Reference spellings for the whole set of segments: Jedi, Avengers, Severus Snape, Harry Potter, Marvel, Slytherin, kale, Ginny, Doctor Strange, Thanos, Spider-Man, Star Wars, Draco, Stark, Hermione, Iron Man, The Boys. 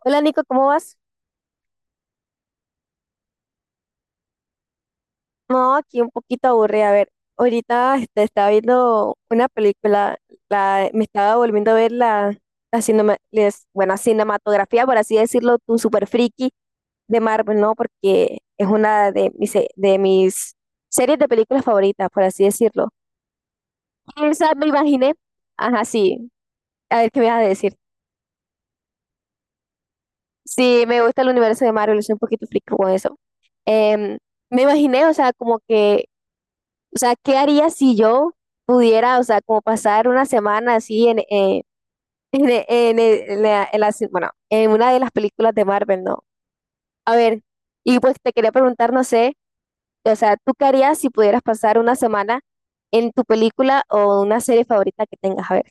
Hola Nico, ¿cómo vas? No, aquí un poquito aburrida. A ver, ahorita estaba viendo una película, me estaba volviendo a ver la bueno, cinematografía, por así decirlo, un super friki de Marvel, ¿no? Porque es una de mis series de películas favoritas, por así decirlo. Esa me imaginé. Ajá, sí. A ver qué me vas a decir. Sí, me gusta el universo de Marvel, soy un poquito friki con eso. Em, Me imaginé, o sea, como que o sea, ¿qué haría si yo pudiera, o sea, como pasar una semana así en, e- en e- en la se- bueno, en una de las películas de Marvel, ¿no? A ver, y pues te quería preguntar, no sé, o sea, ¿tú qué harías si pudieras pasar una semana en tu película o una serie favorita que tengas? A ver.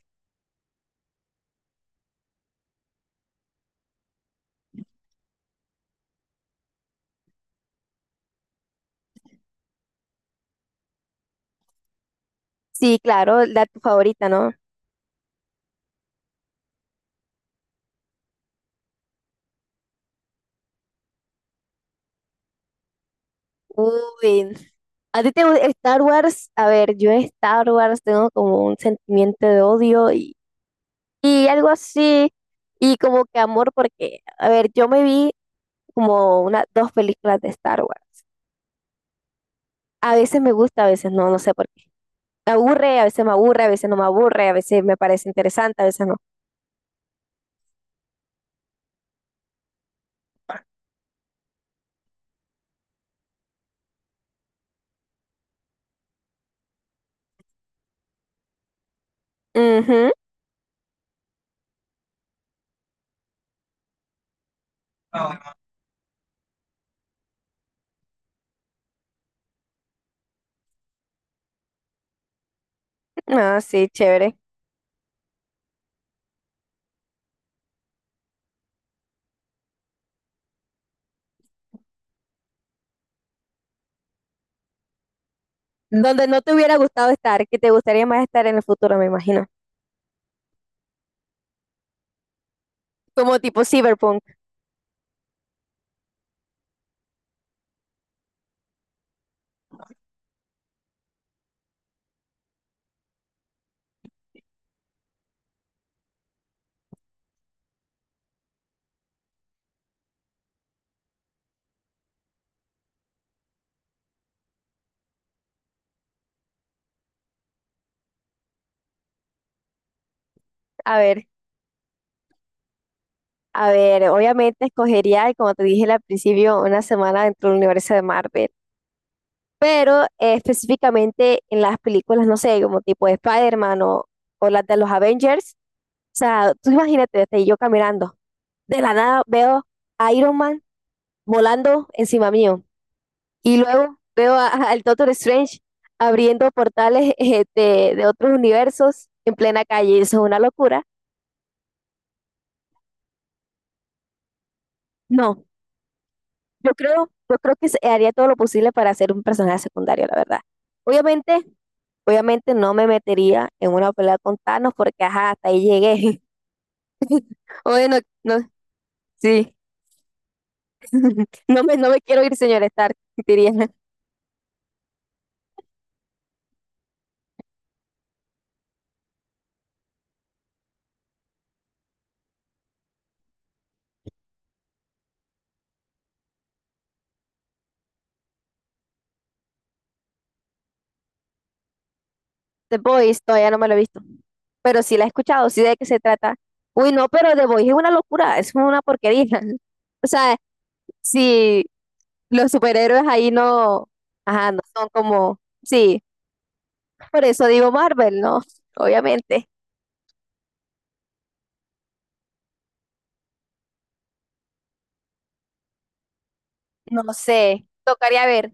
Sí, claro, la tu favorita, ¿no? Uy, a ti te gusta Star Wars. A ver, yo en Star Wars tengo como un sentimiento de odio. Y algo así, y como que amor, porque, a ver, yo me vi como una, dos películas de Star Wars. A veces me gusta, a veces no, no sé por qué. Me aburre, a veces me aburre, a veces no me aburre, a veces me parece interesante, a veces no. Ujú, ah sí, chévere. Donde no te hubiera gustado estar, que te gustaría más estar en el futuro, me imagino. Como tipo cyberpunk. A ver, a ver, obviamente escogería, como te dije al principio, una semana dentro del universo de Marvel, pero específicamente en las películas, no sé, como tipo de Spider-Man o las de los Avengers. O sea, tú imagínate, estoy yo caminando, de la nada veo a Iron Man volando encima mío, y luego veo al Doctor Strange abriendo portales de otros universos en plena calle. Eso es una locura. No, yo creo que haría todo lo posible para ser un personaje secundario, la verdad. Obviamente, obviamente no me metería en una pelea con Thanos porque ajá, hasta ahí llegué. Bueno, no, sí, no me quiero ir, señor Stark, diría. The Boys todavía no me lo he visto, pero sí la he escuchado, sí sé de qué se trata. Uy, no, pero The Boys es una locura, es una porquería. O sea, si los superhéroes ahí no, ajá, no son como, sí, por eso digo Marvel, ¿no? Obviamente, no sé, tocaría ver.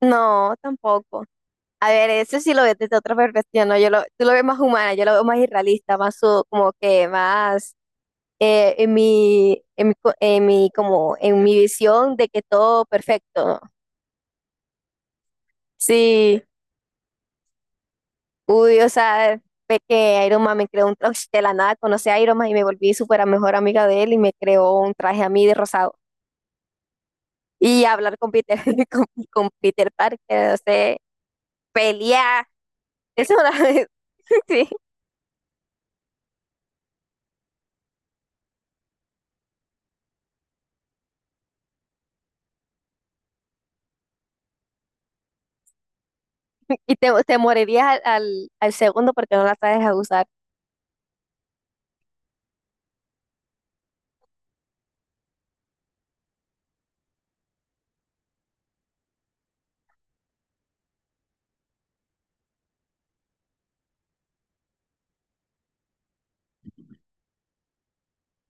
No, tampoco. A ver, eso sí lo veo desde otra perspectiva, ¿no? Yo lo, tú lo ves más humana, yo lo veo más irrealista, más como que más en mi, como, en mi visión de que todo perfecto. Sí, uy, o sea, ve que Iron Man me creó un traje de la nada, conocí a Iron Man y me volví súper a mejor amiga de él y me creó un traje a mí de rosado. Y hablar con Peter, con, con Peter Parker, no sé, pelear, eso es una... Sí, y te morirías al segundo porque no la sabes a usar.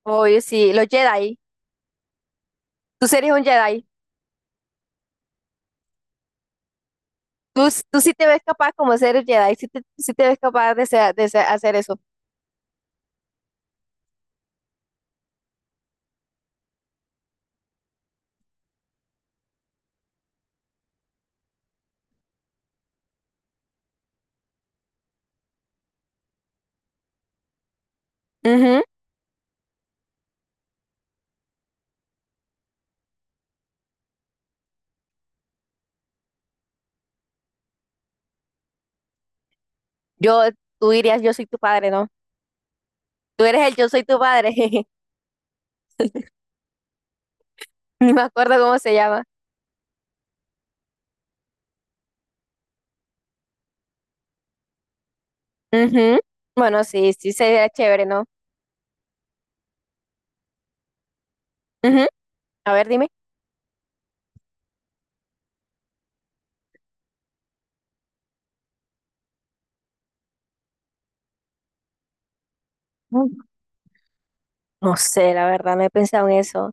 Oye, sí, los Jedi. Tú serías un Jedi. Tú sí te ves capaz como ser Jedi, sí te ves capaz hacer eso. Ujú. Yo, Tú dirías, yo soy tu padre, ¿no? Tú eres el yo soy tu padre, ni me acuerdo cómo se llama. Ujú. Bueno, sí, sí, sería chévere, ¿no? Ujú. A ver, dime. Mm, No sé, la verdad, no he pensado en eso.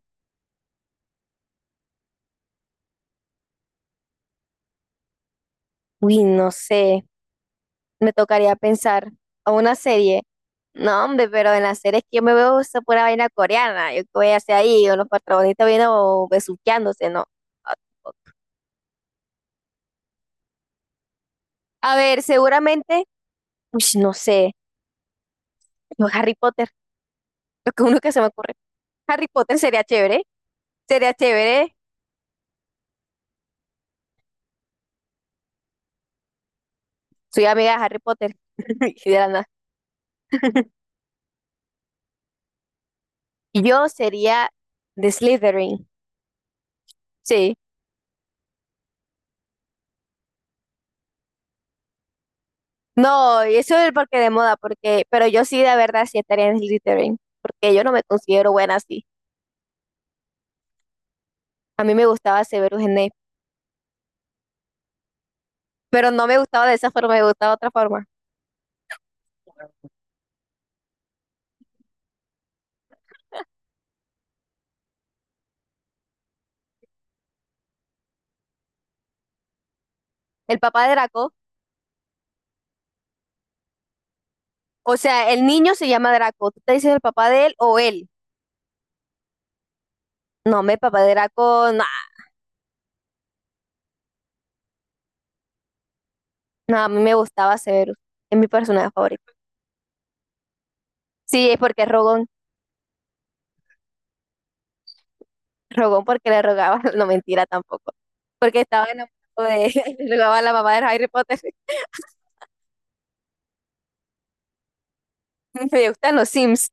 Uy, no sé, me tocaría pensar a una serie. No, hombre, pero en las series que yo me veo esa pura vaina coreana, yo qué voy a hacer ahí, o los protagonistas viendo besuqueándose, no. A ver, seguramente, pues no sé, no, Harry Potter, lo que uno que se me ocurre. Harry Potter sería chévere, sería chévere. Soy amiga de Harry Potter y de la nada. Y yo sería de Slytherin, sí. No, y eso es porque de moda, porque, pero yo sí de verdad sí estaría en Slytherin, porque yo no me considero buena así. A mí me gustaba Severus Snape, pero no me gustaba de esa forma, me gustaba de otra forma. El papá de Draco. O sea, el niño se llama Draco. ¿Tú te dices el papá de él o él? No, mi papá de Draco, no. No, a mí me gustaba Severus, es mi personaje favorito. Sí, es porque es Rogón, Rogón porque le rogaba, no mentira tampoco, porque estaba enamorado de, le rogaba a la mamá de Harry Potter. Me gustan los Sims,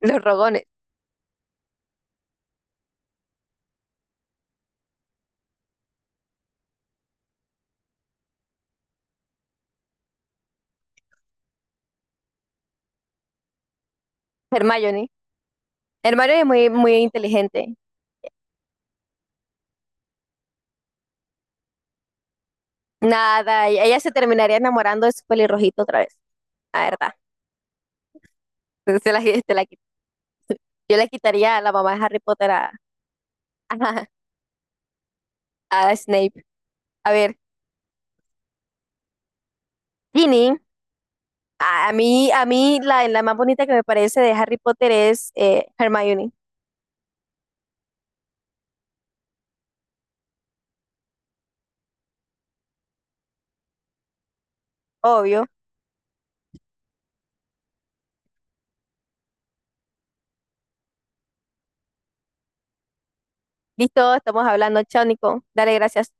los Rogones, Hermione. Hermione es muy, muy inteligente, nada, y ella se terminaría enamorando de su pelirrojito otra vez, la verdad. Se la, yo le quitaría a la mamá de Harry Potter a, a Snape. A ver, Ginny. A mí, la más bonita que me parece de Harry Potter es Hermione, obvio. Listo, estamos hablando, chao, Nico. Dale, gracias.